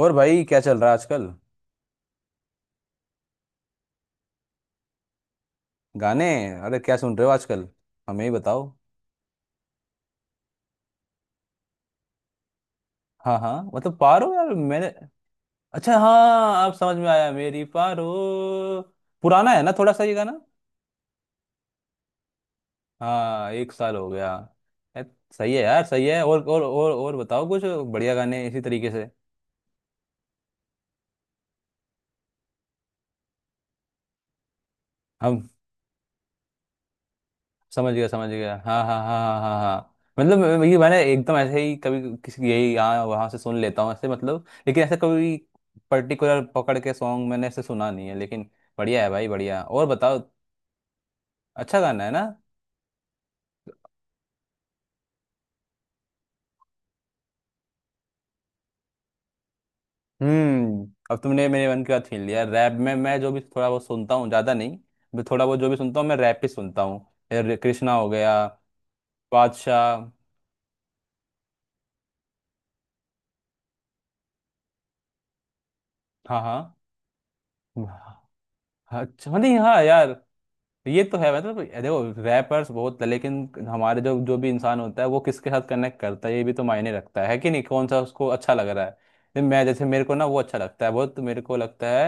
और भाई क्या चल रहा है आजकल। गाने। अरे क्या सुन रहे हो आजकल। हमें ही बताओ। हाँ हाँ, मतलब पारो यार, मैंने। अच्छा हाँ, अब समझ में आया, मेरी पारो। पुराना है ना थोड़ा सा ये गाना। हाँ, एक साल हो गया। ए, सही है यार, सही है। और बताओ कुछ बढ़िया गाने इसी तरीके से। हम समझ गया समझ गया। हाँ हाँ हाँ हाँ हाँ हाँ, मतलब ये मैंने एकदम ऐसे ही कभी किसी यही यहाँ वहाँ से सुन लेता हूँ ऐसे मतलब, लेकिन ऐसा कभी पर्टिकुलर पकड़ के सॉन्ग मैंने ऐसे सुना नहीं है, लेकिन बढ़िया है भाई बढ़िया, और बताओ। अच्छा गाना है ना। हम्म, अब तुमने मेरे मन की बात छीन लिया। रैप में मैं जो भी थोड़ा बहुत सुनता हूँ, ज़्यादा नहीं। मैं थोड़ा बहुत जो भी सुनता हूँ, मैं रैप ही सुनता हूँ। ये कृष्णा हो गया, बादशाह। हाँ हाँ। अच्छा, नहीं हाँ यार। ये तो है, मतलब देखो रैपर्स बहुत, लेकिन हमारे जो जो भी इंसान होता है वो किसके साथ कनेक्ट करता है, ये भी तो मायने रखता है कि नहीं, कौन सा उसको अच्छा लग रहा है। तो मैं जैसे, मेरे को ना वो अच्छा लगता है, बहुत मेरे को लगता है।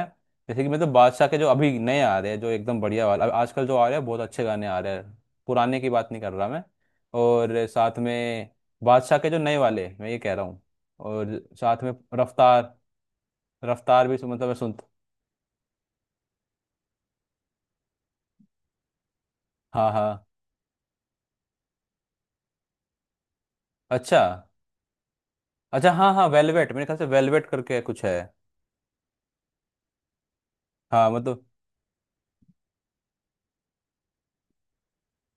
जैसे कि मतलब बादशाह के जो अभी नए आ रहे हैं, जो एकदम बढ़िया वाला, अब आजकल जो आ रहे हैं बहुत अच्छे गाने आ रहे हैं। पुराने की बात नहीं कर रहा मैं। और साथ में बादशाह के जो नए वाले, मैं ये कह रहा हूँ। और साथ में रफ्तार। रफ्तार भी मतलब मैं सुनता। हाँ हाँ। अच्छा अच्छा। हाँ हाँ वेलवेट, मेरे ख्याल से वेलवेट करके कुछ है। हाँ मतलब।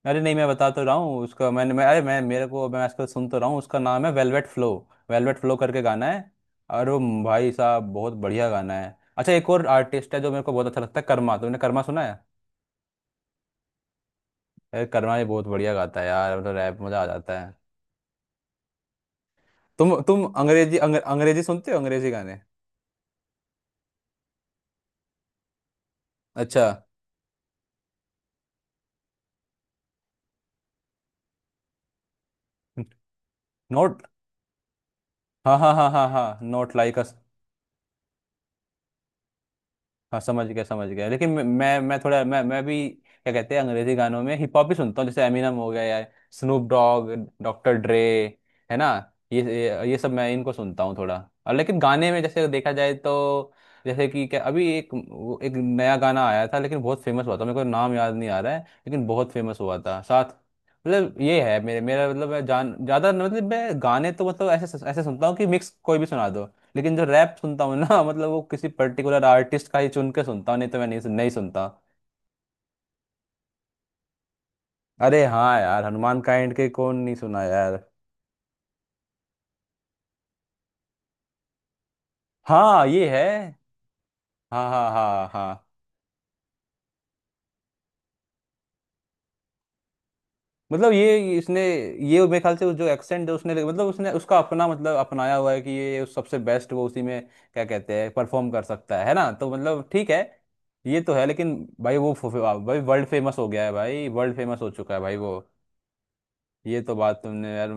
अरे नहीं, मैं बता तो रहा हूँ उसका, मैं अरे मैं मेरे को मैं आजकल सुन तो रहा हूँ, उसका नाम है वेलवेट फ्लो। वेलवेट फ्लो करके गाना है। और वो भाई साहब बहुत बढ़िया गाना है। अच्छा, एक और आर्टिस्ट है जो मेरे को बहुत अच्छा लगता है, कर्मा। तुमने कर्मा सुना है। अरे कर्मा ये बहुत बढ़िया गाता है यार, मतलब रैप मजा आ जाता है। तुम अंग्रेजी अंग्रेजी सुनते हो, अंग्रेजी गाने। अच्छा। नोट। हाँ हाँ हाँ हाँ हाँ, नोट लाइक अस। हाँ समझ गया समझ गया, लेकिन मैं थोड़ा, मैं भी क्या कहते हैं, अंग्रेजी गानों में हिप हॉप भी सुनता हूँ, जैसे एमिनम हो गया या स्नूप डॉग, डॉक्टर ड्रे, है ना। ये सब मैं इनको सुनता हूँ थोड़ा और, लेकिन गाने में जैसे देखा जाए तो, जैसे कि क्या अभी एक वो एक नया गाना आया था, लेकिन बहुत फेमस हुआ था, मेरे को नाम याद नहीं आ रहा है, लेकिन बहुत फेमस हुआ था साथ। मतलब ये है मेरे, मेरा मतलब मैं जान ज्यादा मतलब मैं गाने तो मतलब ऐसे ऐसे सुनता हूँ कि मिक्स कोई भी सुना दो। लेकिन जो रैप सुनता हूँ ना मतलब वो किसी पर्टिकुलर आर्टिस्ट का ही चुन के सुनता हूँ, नहीं तो मैं नहीं सुनता। अरे हाँ यार, हनुमान काइंड के कौन नहीं सुना यार। हाँ ये है। हाँ हाँ हाँ हाँ, मतलब ये इसने। ये मेरे ख्याल से उस जो एक्सेंट है उसने, मतलब उसने उसका अपना, मतलब अपनाया हुआ है कि ये सबसे बेस्ट वो उसी में क्या कहते हैं परफॉर्म कर सकता है ना, तो मतलब ठीक है। ये तो है लेकिन, भाई वो फु- फु- भाई वर्ल्ड फेमस हो गया है भाई, वर्ल्ड फेमस हो चुका है भाई वो। ये तो बात तुमने यार।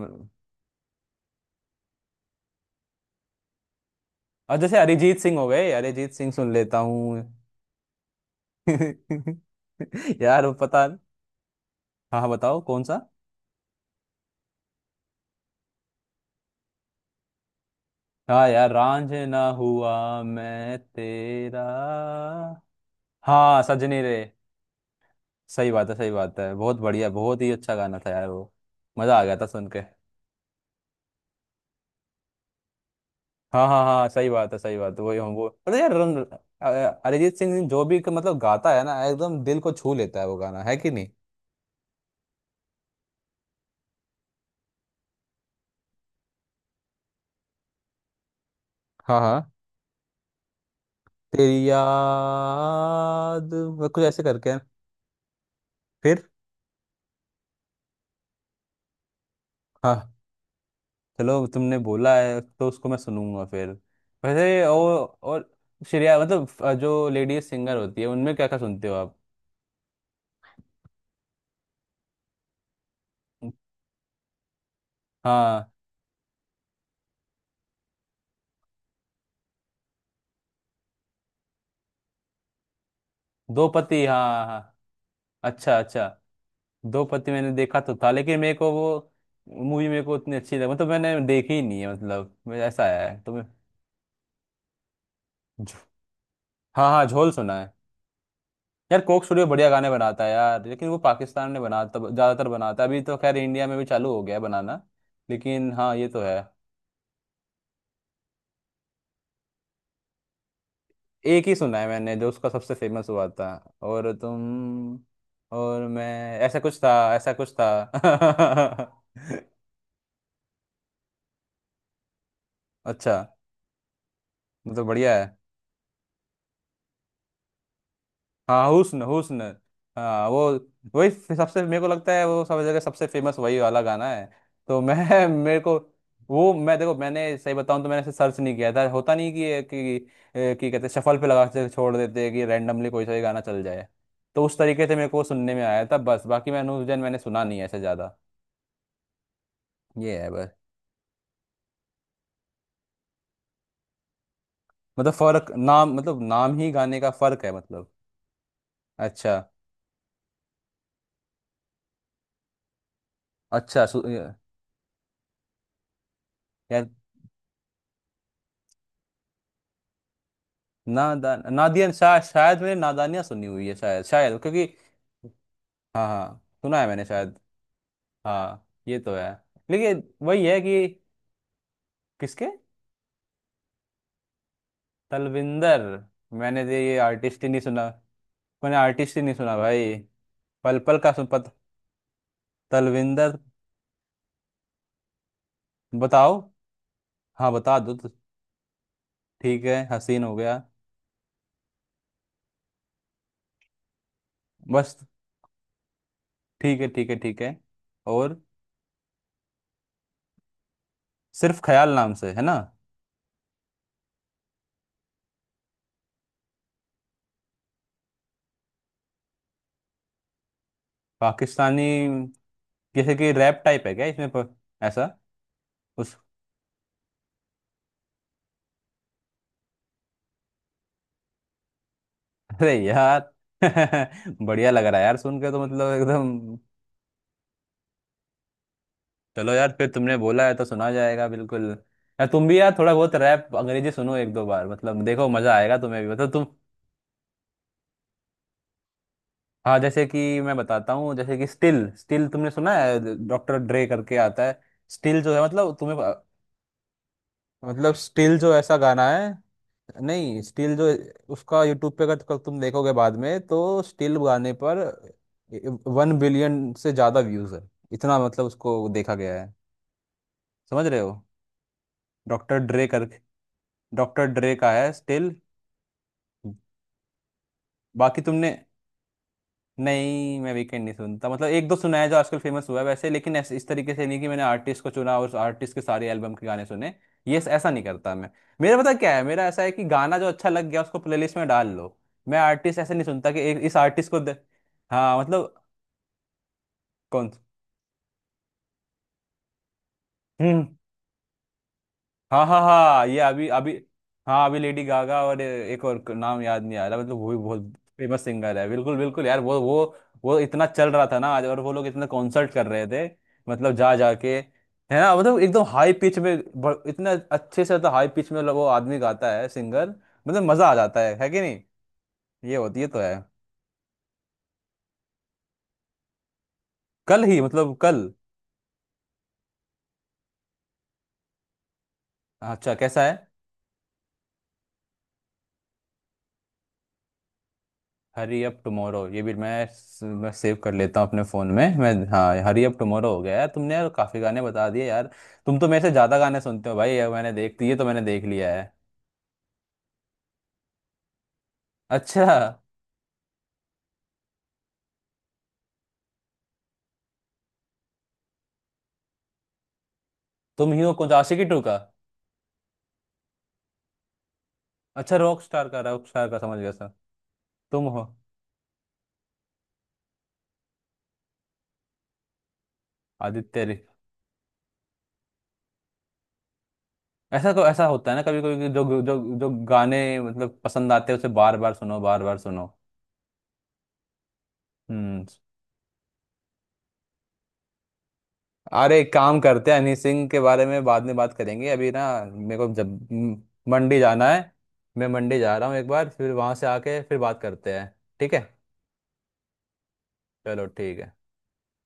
और जैसे अरिजीत सिंह हो गए, अरिजीत सिंह सुन लेता हूँ। यार वो पता। हाँ हाँ, बताओ कौन सा। हाँ यार, रांझ ना हुआ मैं तेरा। हाँ सजनी रे। सही बात है, सही बात है, बहुत बढ़िया, बहुत ही अच्छा गाना था यार वो। मजा आ गया था सुन के। हाँ हाँ हाँ, सही बात है सही बात है, वही हम वो मतलब यार रन। अरिजीत सिंह जो भी मतलब गाता है ना एकदम दिल को छू लेता है वो, गाना है कि नहीं। हाँ हाँ, तेरी याद। वो कुछ ऐसे करके है। फिर। हाँ। चलो तुमने बोला है तो उसको मैं सुनूंगा फिर। वैसे और। श्रेया मतलब जो लेडीज सिंगर होती है, उनमें क्या क्या सुनते हो आप। हाँ, दो पति हाँ। हाँ हाँ। अच्छा अच्छा, दो पत्ती मैंने देखा तो था, लेकिन मेरे को वो मूवी, मेरे को उतनी अच्छी लगी, मतलब मैंने देखी ही नहीं है, मतलब ऐसा है, तो मैं। झो- हाँ हाँ, झोल सुना है। यार, कोक स्टूडियो बढ़िया गाने बनाता है यार, लेकिन वो पाकिस्तान में बनाता, ज़्यादातर बनाता है, अभी तो खैर इंडिया में भी चालू हो गया है बनाना। लेकिन हाँ, ये तो है। एक ही सुना है मैंने जो उसका सबसे फेमस हुआ था। और तुम। और मैं, ऐसा कुछ था ऐसा कुछ था। अच्छा। मतलब बढ़िया। हाँ हुस्न हुस्न। हाँ वो। वही सबसे, मेरे को लगता है वो सब जगह सबसे फेमस वही वाला गाना है। तो मैं मेरे को वो, मैं देखो मैंने सही बताऊं तो मैंने ऐसे सर्च नहीं किया था, होता नहीं कि कि कि कहते शफल पे लगा के छोड़ देते हैं कि रैंडमली कोई सा भी गाना चल जाए। तो उस तरीके से मेरे को सुनने में आया था बस, बाकी मैंने उस दिन मैंने सुना नहीं है ऐसे ज्यादा। ये है बस। मतलब फर्क नाम, मतलब नाम ही गाने का फर्क है मतलब। अच्छा अच्छा। यार, नादान नादियन शायद, शायद मैंने नादानियाँ सुनी हुई है शायद, शायद क्योंकि। हाँ हाँ सुना है मैंने शायद। हाँ ये तो है। लेकिन वही है कि। किसके। तलविंदर। मैंने तो ये आर्टिस्ट ही नहीं सुना। मैंने आर्टिस्ट ही नहीं सुना भाई। पल पल का सुन पत। तलविंदर। बताओ। हाँ बता दो तो। ठीक है, हसीन हो गया। बस। ठीक है ठीक है ठीक है। और। सिर्फ ख्याल नाम से है ना। पाकिस्तानी। जैसे कि रैप टाइप है क्या इसमें, ऐसा। उस। अरे यार बढ़िया लग रहा है यार सुन के तो, मतलब एकदम। चलो यार, फिर तुमने बोला है तो सुना जाएगा बिल्कुल। यार तुम भी यार थोड़ा बहुत रैप अंग्रेजी सुनो एक दो बार, मतलब देखो मजा आएगा तुम्हें भी, मतलब तुम। हाँ, जैसे कि मैं बताता हूँ, जैसे कि स्टिल, स्टिल तुमने सुना है, डॉक्टर ड्रे करके आता है। स्टिल जो है, मतलब तुम्हें। मतलब स्टिल जो ऐसा गाना है, नहीं स्टील जो। उसका यूट्यूब पे अगर कल तुम देखोगे बाद में, तो स्टील गाने पर वन बिलियन से ज्यादा व्यूज है। इतना मतलब उसको देखा गया है। समझ रहे हो। डॉक्टर ड्रे करके। डॉक्टर ड्रे का है स्टिल। बाकी तुमने। नहीं, मैं वीकेंड नहीं सुनता, मतलब एक दो सुना है जो आजकल फेमस हुआ है वैसे, लेकिन ऐसे इस तरीके से नहीं कि मैंने आर्टिस्ट को चुना और आर्टिस्ट के सारे एल्बम के गाने सुने। ये ऐसा नहीं करता मैं। मेरा पता क्या है, मेरा ऐसा है कि गाना जो अच्छा लग गया उसको प्लेलिस्ट में डाल लो। मैं आर्टिस्ट ऐसे नहीं सुनता कि एक इस आर्टिस्ट को दे। हाँ मतलब। कौन। हम्म। हाँ हाँ हाँ, ये अभी अभी। हाँ अभी लेडी गागा और एक और नाम याद नहीं आ रहा, मतलब वो भी बहुत फेमस सिंगर है बिल्कुल बिल्कुल यार, वो। वो इतना चल रहा था ना आज, और वो लोग इतना कॉन्सर्ट कर रहे थे। मतलब जा जा के है ना, मतलब एकदम हाई पिच में इतना अच्छे से तो, हाई पिच में वो आदमी गाता है सिंगर। मतलब मजा आ जाता है कि नहीं। ये होती है तो है। कल ही, मतलब कल। अच्छा कैसा है। हरी अप टुमारो, ये भी मैं सेव कर लेता हूँ अपने फ़ोन में, मैं हाँ हरी अप टुमारो हो गया, यार तुमने यार काफ़ी गाने बता दिए यार। तुम तो मेरे से ज़्यादा गाने सुनते हो भाई, ये मैंने देख, ये तो मैंने देख लिया है। अच्छा। तुम ही हो कुछ आशिकी टू का। अच्छा रॉक स्टार का, रॉक स्टार का समझ गया सर। तुम हो। आदित्य रे। ऐसा को, ऐसा होता है ना कभी कभी कि जो जो जो गाने मतलब पसंद आते हैं उसे बार बार सुनो बार बार सुनो। हम्म। अरे एक काम करते हैं, हनी सिंह के बारे में बाद में बात करेंगे अभी ना। मेरे को जब मंडी जाना है। मैं मंडी जा रहा हूँ एक बार, फिर वहां से आके फिर बात करते हैं। ठीक है। चलो ठीक है।